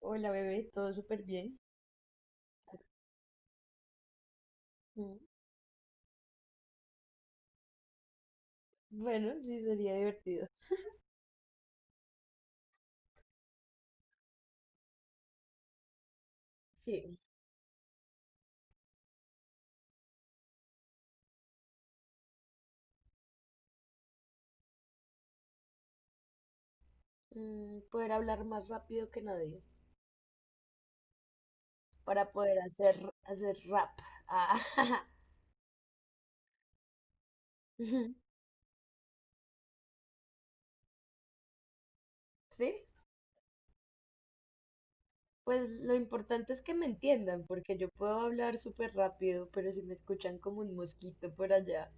Hola bebé, todo súper bien. Mm. Bueno, sí, sería divertido. Sí, poder hablar más rápido que nadie para poder hacer rap. Ah. Sí, pues lo importante es que me entiendan, porque yo puedo hablar súper rápido, pero si me escuchan como un mosquito por allá.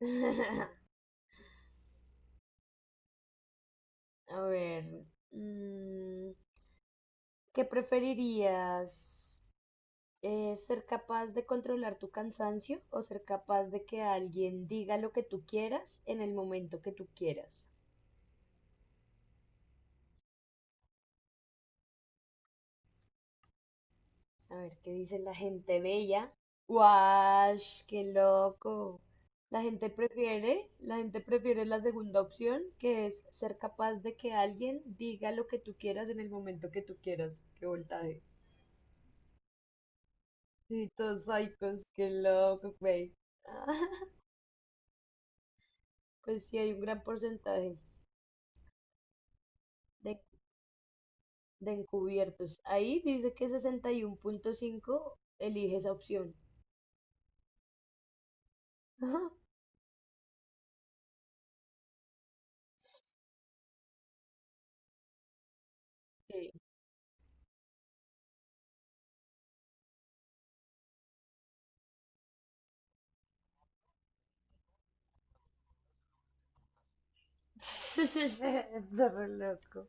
A ver, mm, ¿qué preferirías? Es ser capaz de controlar tu cansancio o ser capaz de que alguien diga lo que tú quieras en el momento que tú quieras. A ver, ¿qué dice la gente bella? ¡Wash! ¡Qué loco! La gente prefiere la segunda opción, que es ser capaz de que alguien diga lo que tú quieras en el momento que tú quieras. ¡Qué voltaje! Sí, todos psicos, qué loco, güey. Pues sí, hay un gran porcentaje de de encubiertos. Ahí dice que 61.5 elige esa opción. Sí. Está re loco.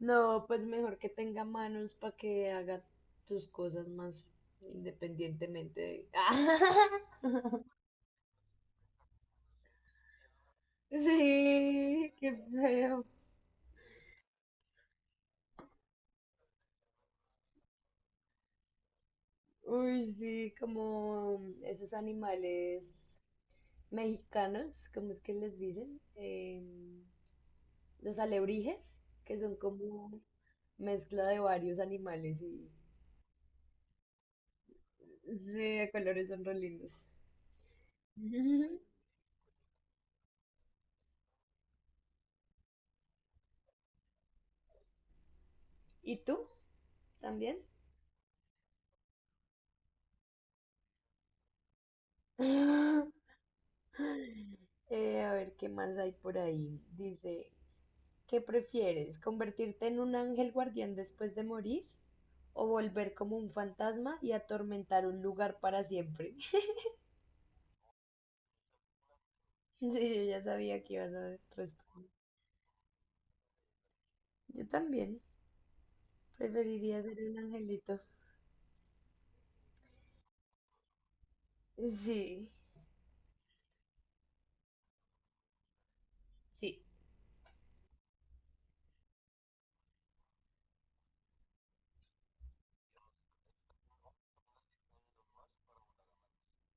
No, pues mejor que tenga manos para que haga tus cosas más independientemente de… Sí, qué feo. Uy, sí, como esos animales mexicanos, ¿cómo es que les dicen? Los alebrijes, que son como… mezcla de varios animales y sí, de colores son re lindos. ¿Y tú también? A ver qué más hay por ahí. Dice, ¿qué prefieres? ¿Convertirte en un ángel guardián después de morir? ¿O volver como un fantasma y atormentar un lugar para siempre? Sí, yo ya sabía que ibas a responder. Yo también preferiría ser un angelito. Sí, sí.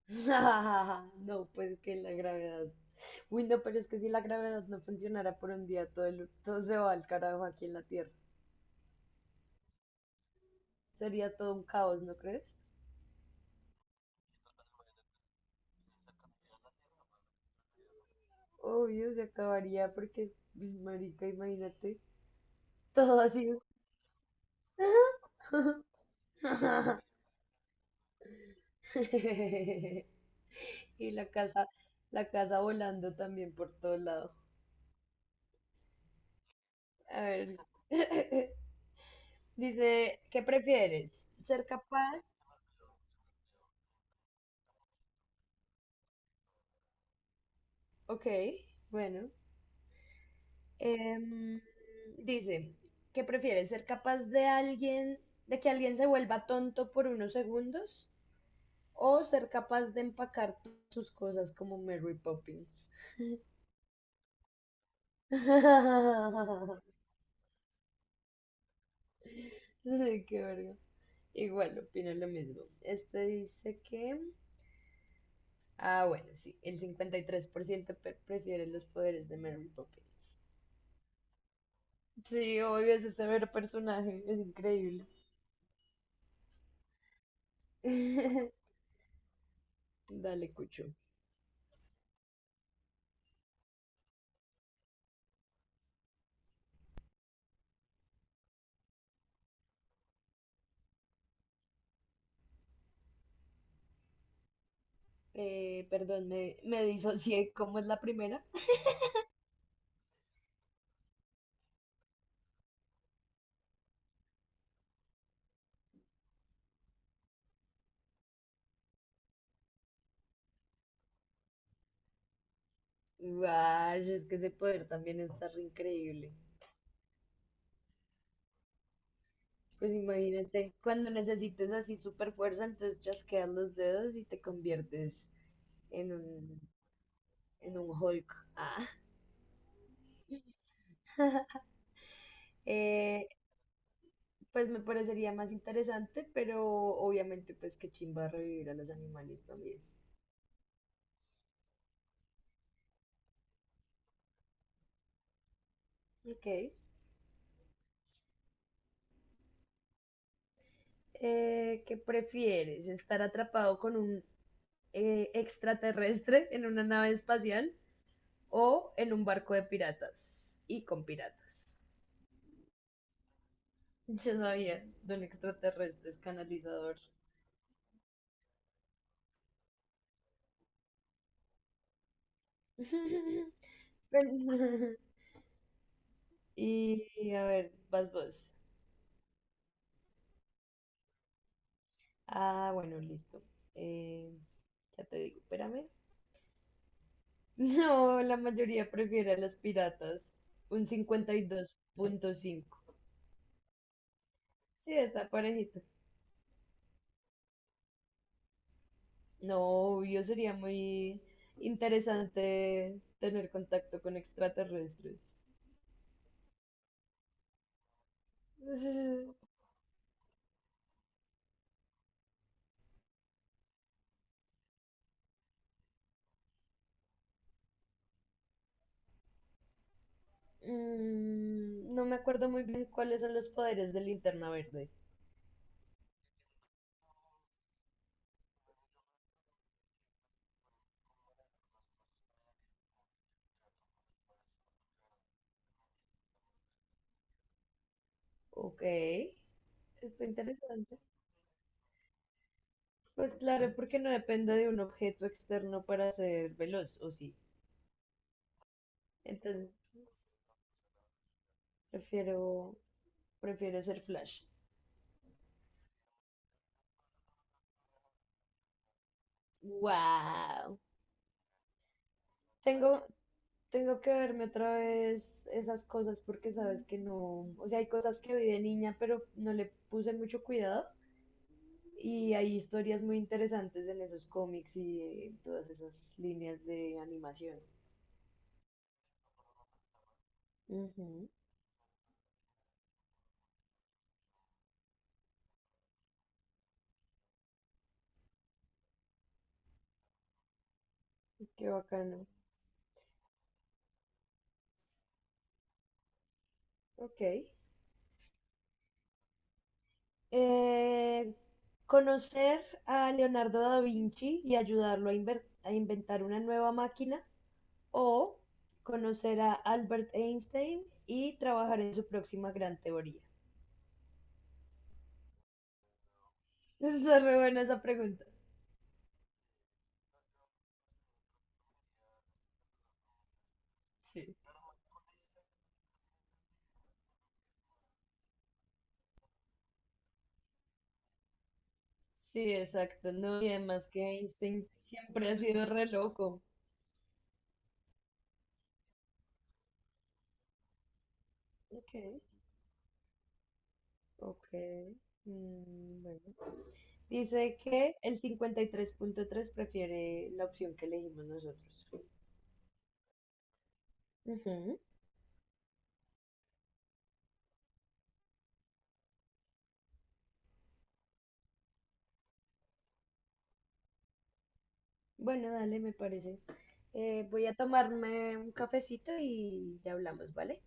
No, pues que la gravedad. Uy, no, pero es que si la gravedad no funcionara por un día, todo, todo se va al carajo aquí en la Tierra. Sería todo un caos, ¿no crees? Obvio, se acabaría porque, pues, marica, imagínate, todo así. Y la casa volando también por todo lado. A ver. Dice, ¿qué prefieres? ¿Ser capaz? Ok, bueno. Em, Dice, ¿qué prefieres? ¿Ser capaz de alguien, de que alguien se vuelva tonto por unos segundos? ¿O ser capaz de empacar tus cosas como Mary Poppins? Sí, qué verga. Igual, opino lo mismo. Este dice que… Ah, bueno, sí, el 53% prefiere los poderes de Mary Poppins. Sí, obvio, ese severo personaje, es increíble. Dale, Cucho. Perdón, me disocié. ¿Cómo es la primera? Guay, es que ese poder también está re increíble. Pues imagínate, cuando necesites así super fuerza, entonces chasqueas los dedos y te conviertes en un, en un Hulk. Ah. Eh, pues me parecería más interesante, pero obviamente pues que chimba revivir a los animales también. Ok. ¿Qué prefieres? ¿Estar atrapado con un extraterrestre en una nave espacial o en un barco de piratas y con piratas? Ya sabía, don extraterrestre es canalizador. Y a ver, vas vos. Ah, bueno, listo. Eh, ya te digo, espérame. No, la mayoría prefiere a los piratas. Un 52.5. Sí, está parejito. No, yo sería muy interesante tener contacto con extraterrestres. Mm, no me acuerdo muy bien cuáles son los poderes de Linterna Verde. Ok, está interesante. Pues claro, porque no depende de un objeto externo para ser veloz, ¿o sí? Entonces, prefiero, prefiero ser Flash. Wow. Tengo Tengo que verme otra vez esas cosas porque sabes que no, o sea, hay cosas que vi de niña, pero no le puse mucho cuidado y hay historias muy interesantes en esos cómics y en todas esas líneas de animación. Ujú. Qué bacano. Ok. Eh, conocer a Leonardo da Vinci y ayudarlo a, a inventar una nueva máquina o conocer a Albert Einstein y trabajar en su próxima gran teoría. Está re buena esa pregunta. Sí. Sí, exacto. No, y además que Einstein siempre ha sido re loco. Ok. Ok. Mm, bueno. Dice que el 53.3 prefiere la opción que elegimos nosotros. Ujú. Bueno, dale, me parece. Voy a tomarme un cafecito y ya hablamos, ¿vale?